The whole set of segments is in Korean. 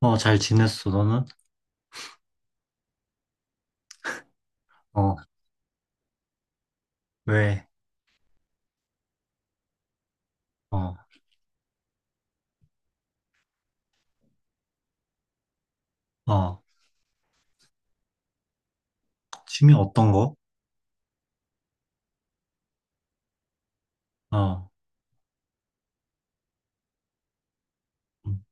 어, 잘 지냈어, 너는? 어, 왜? 어, 어, 취미 어떤 거? 어, 음,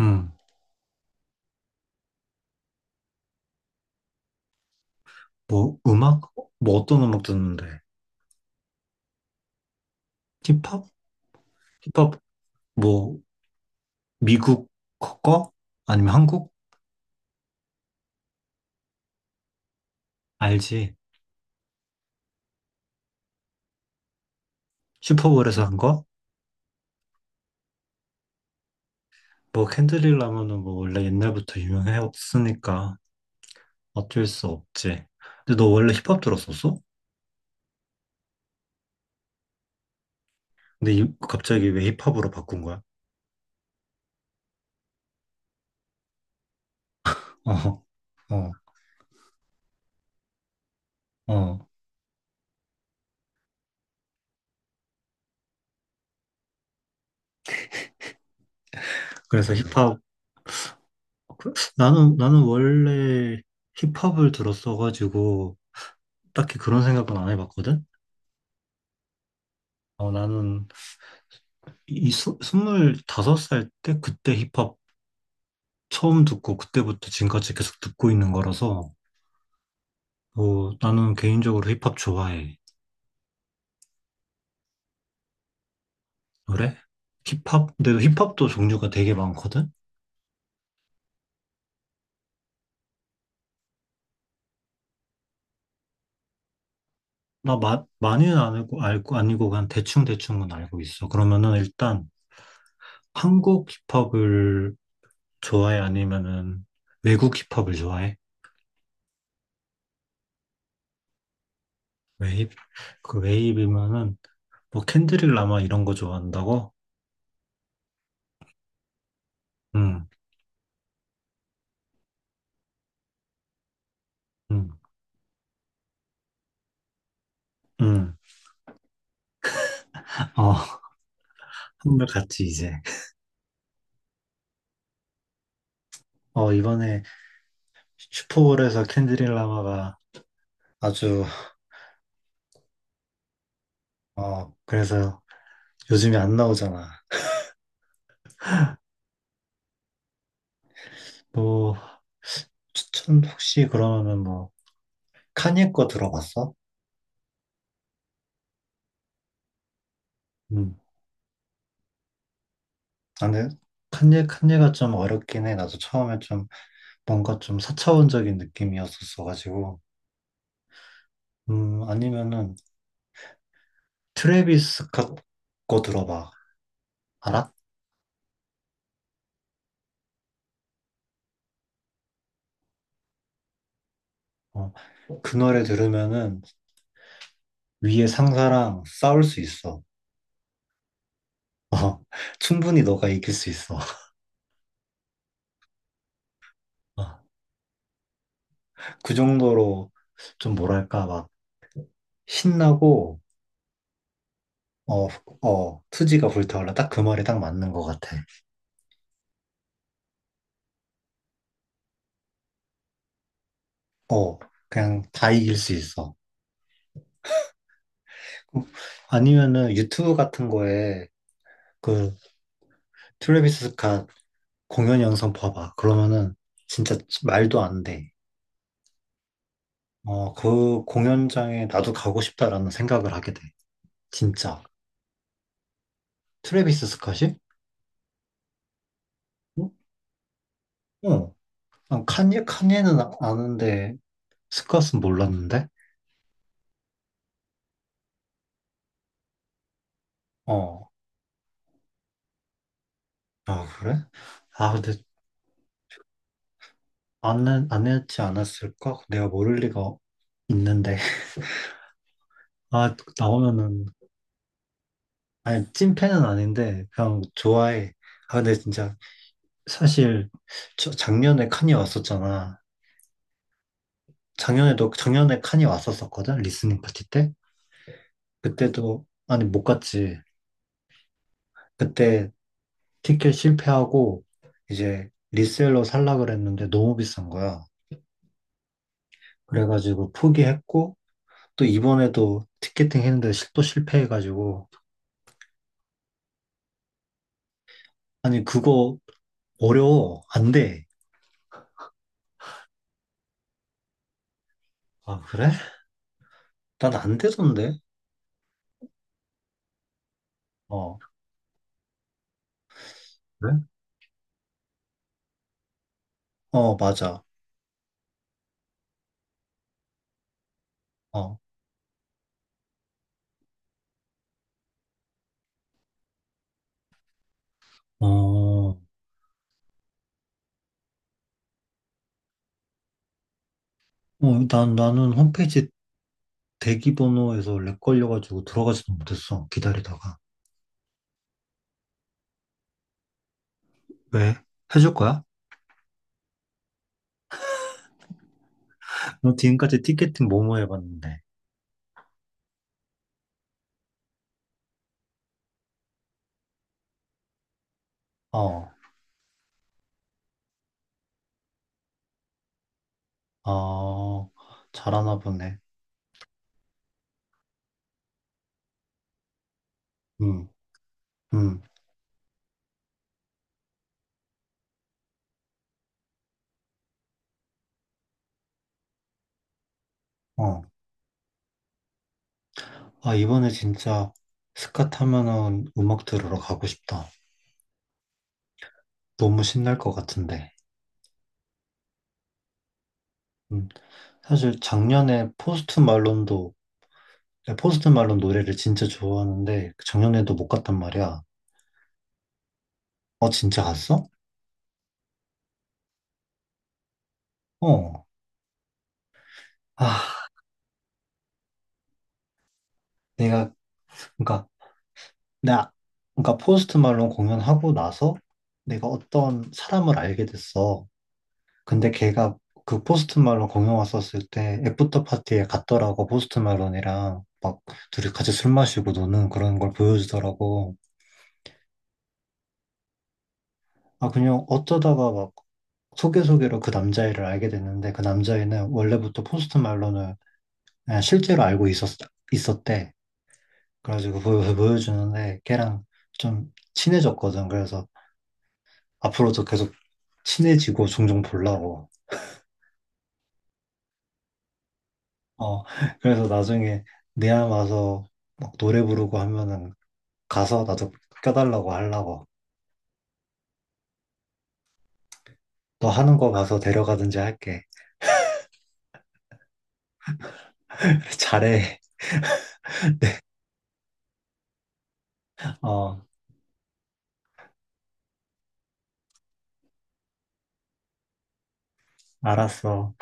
음. 뭐, 음악? 뭐, 어떤 음악 듣는데? 힙합? 힙합, 뭐, 미국 거? 아니면 한국? 알지? 슈퍼볼에서 한 거? 뭐, 캔드릴 라면은 뭐, 원래 옛날부터 유명했으니까 어쩔 수 없지. 근데 너 원래 힙합 들었었어? 근데 갑자기 왜 힙합으로 바꾼 거야? 어, 어, 어. 그래서 힙합, 아, 그래? 나는 원래 힙합을 들었어가지고, 딱히 그런 생각은 안 해봤거든? 어, 나는 이 25살 때 그때 힙합 처음 듣고, 그때부터 지금까지 계속 듣고 있는 거라서, 어, 나는 개인적으로 힙합 좋아해. 그래? 힙합? 근데 힙합도 종류가 되게 많거든? 나 많이는 안 알고, 알고, 아니고, 그냥 대충대충은 알고 있어. 그러면은 일단 한국 힙합을 좋아해? 아니면은 외국 힙합을 좋아해? 웨이브, 그 웨이브면은, 뭐, 캔드릭 라마 이런 거 좋아한다고? 응, 응, 응. 어, 한물 같이 이제. 어, 이번에 슈퍼볼에서 캔드릭 라마가 아주, 어, 그래서 요즘에 안 나오잖아. 뭐, 추천 혹시 그러면은 뭐, 카니에 거 들어봤어? 응. 아, 근데 칸예, 칸예가 좀 어렵긴 해. 나도 처음에 좀 뭔가 좀 사차원적인 느낌이었었어가지고. 아니면은 트래비스 스캇 거 들어봐. 알아? 어. 그 노래 들으면은 위에 상사랑 싸울 수 있어. 어. 충분히 너가 이길 수 있어. 어. 그 정도로 좀 뭐랄까 막 신나고 어, 어, 투지가 불타올라. 딱 그 말이 딱 맞는 것 같아. 어, 그냥 다 이길 수 있어. 아니면은 유튜브 같은 거에 그 트래비스 스캇 공연 영상 봐봐. 그러면은 진짜 말도 안 돼. 어, 그 공연장에 나도 가고 싶다라는 생각을 하게 돼. 진짜. 트래비스 스캇이? 어, 어. 난 칸예, 칸예는 아는데, 스캇은 몰랐는데? 어. 아, 그래? 아, 근데 안, 안 했지 않았을까? 내가 모를 리가 있는데. 아, 나오면은, 아니, 찐팬은 아닌데, 그냥 좋아해. 아, 근데 진짜, 사실, 저, 작년에 칸이 왔었잖아. 작년에도, 작년에 칸이 왔었었거든? 리스닝 파티 때? 그때도, 아니, 못 갔지. 그때 티켓 실패하고 이제 리셀로 살라 그랬는데 너무 비싼 거야. 그래가지고 포기했고 또 이번에도 티켓팅 했는데 또 실패해가지고 아니 그거 어려워 안 돼. 아 그래? 난 안 되던데. 어 그래? 어 맞아. 어. 어. 어, 난 나는 홈페이지 대기번호에서 렉 걸려가지고 들어가지도 못했어 기다리다가. 왜? 해줄 거야? 너 지금까지 티켓팅 뭐뭐 해봤는데. 어. 아, 잘하나 보네. 음, 음, 어. 아, 이번에 진짜 스카 타면은 음악 들으러 가고 싶다. 너무 신날 것 같은데. 음, 사실 작년에 포스트 말론도, 네, 포스트 말론 노래를 진짜 좋아하는데, 그 작년에도 못 갔단 말이야. 어, 진짜 갔어? 어. 아, 내가, 그니까, 나, 그니까 포스트 말론 공연하고 나서 내가 어떤 사람을 알게 됐어. 근데 걔가 그 포스트 말론 공연 왔었을 때 애프터 파티에 갔더라고 포스트 말론이랑 막 둘이 같이 술 마시고 노는 그런 걸 보여주더라고. 아 그냥 어쩌다가 막 소개소개로 그 남자애를 알게 됐는데 그 남자애는 원래부터 포스트 말론을 그냥 실제로 알고 있었 있었대. 그래가지고 보여주는데 걔랑 좀 친해졌거든. 그래서 앞으로도 계속 친해지고 종종 보려고. 어 그래서 나중에 내암 와서 막 노래 부르고 하면은 가서 나도 껴달라고 하려고. 너 하는 거 봐서 데려가든지 할게. 잘해. 어, 알았어.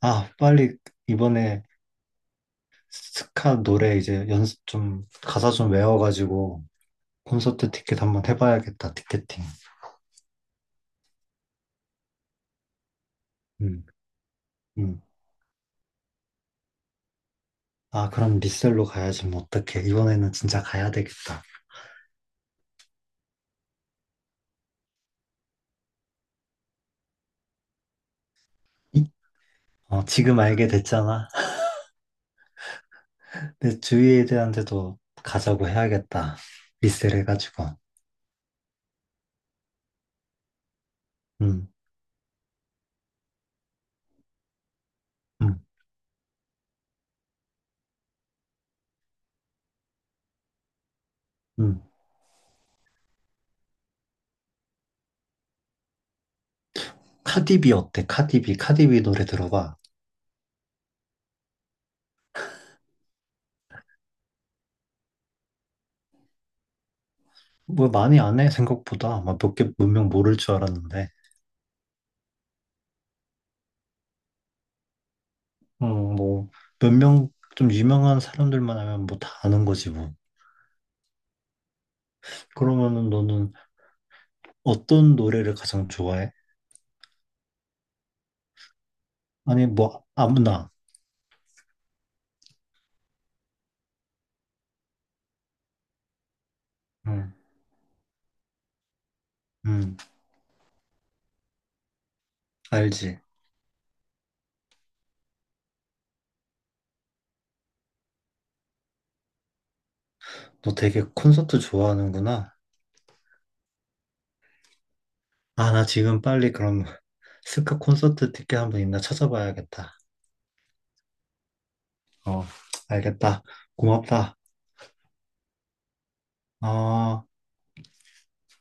아, 빨리 이번에 스카 노래 이제 연습 좀, 가사 좀 외워가지고 콘서트 티켓 한번 해봐야겠다, 티켓팅. 음, 음. 아, 그럼 리셀로 가야지, 뭐, 어떡해. 이번에는 진짜 가야 되겠다. 이? 어, 지금 알게 됐잖아. 내 주위에 대한테도 가자고 해야겠다. 리셀 해가지고. 음, 음, 음. 카디비 어때? 카디비, 카디비 노래 들어봐. 뭐 많이 안 해, 생각보다. 막 몇 개, 몇 명 모를 줄 알았는데. 뭐, 몇 명 좀 유명한 사람들만 하면 뭐 다 아는 거지, 뭐. 그러면은 너는 어떤 노래를 가장 좋아해? 아니, 뭐, 아무나. 음, 음, 알지. 너 되게 콘서트 좋아하는구나. 아, 나 지금 빨리 그럼 스카 콘서트 티켓 한번 있나 찾아봐야겠다. 어, 알겠다. 고맙다. 어.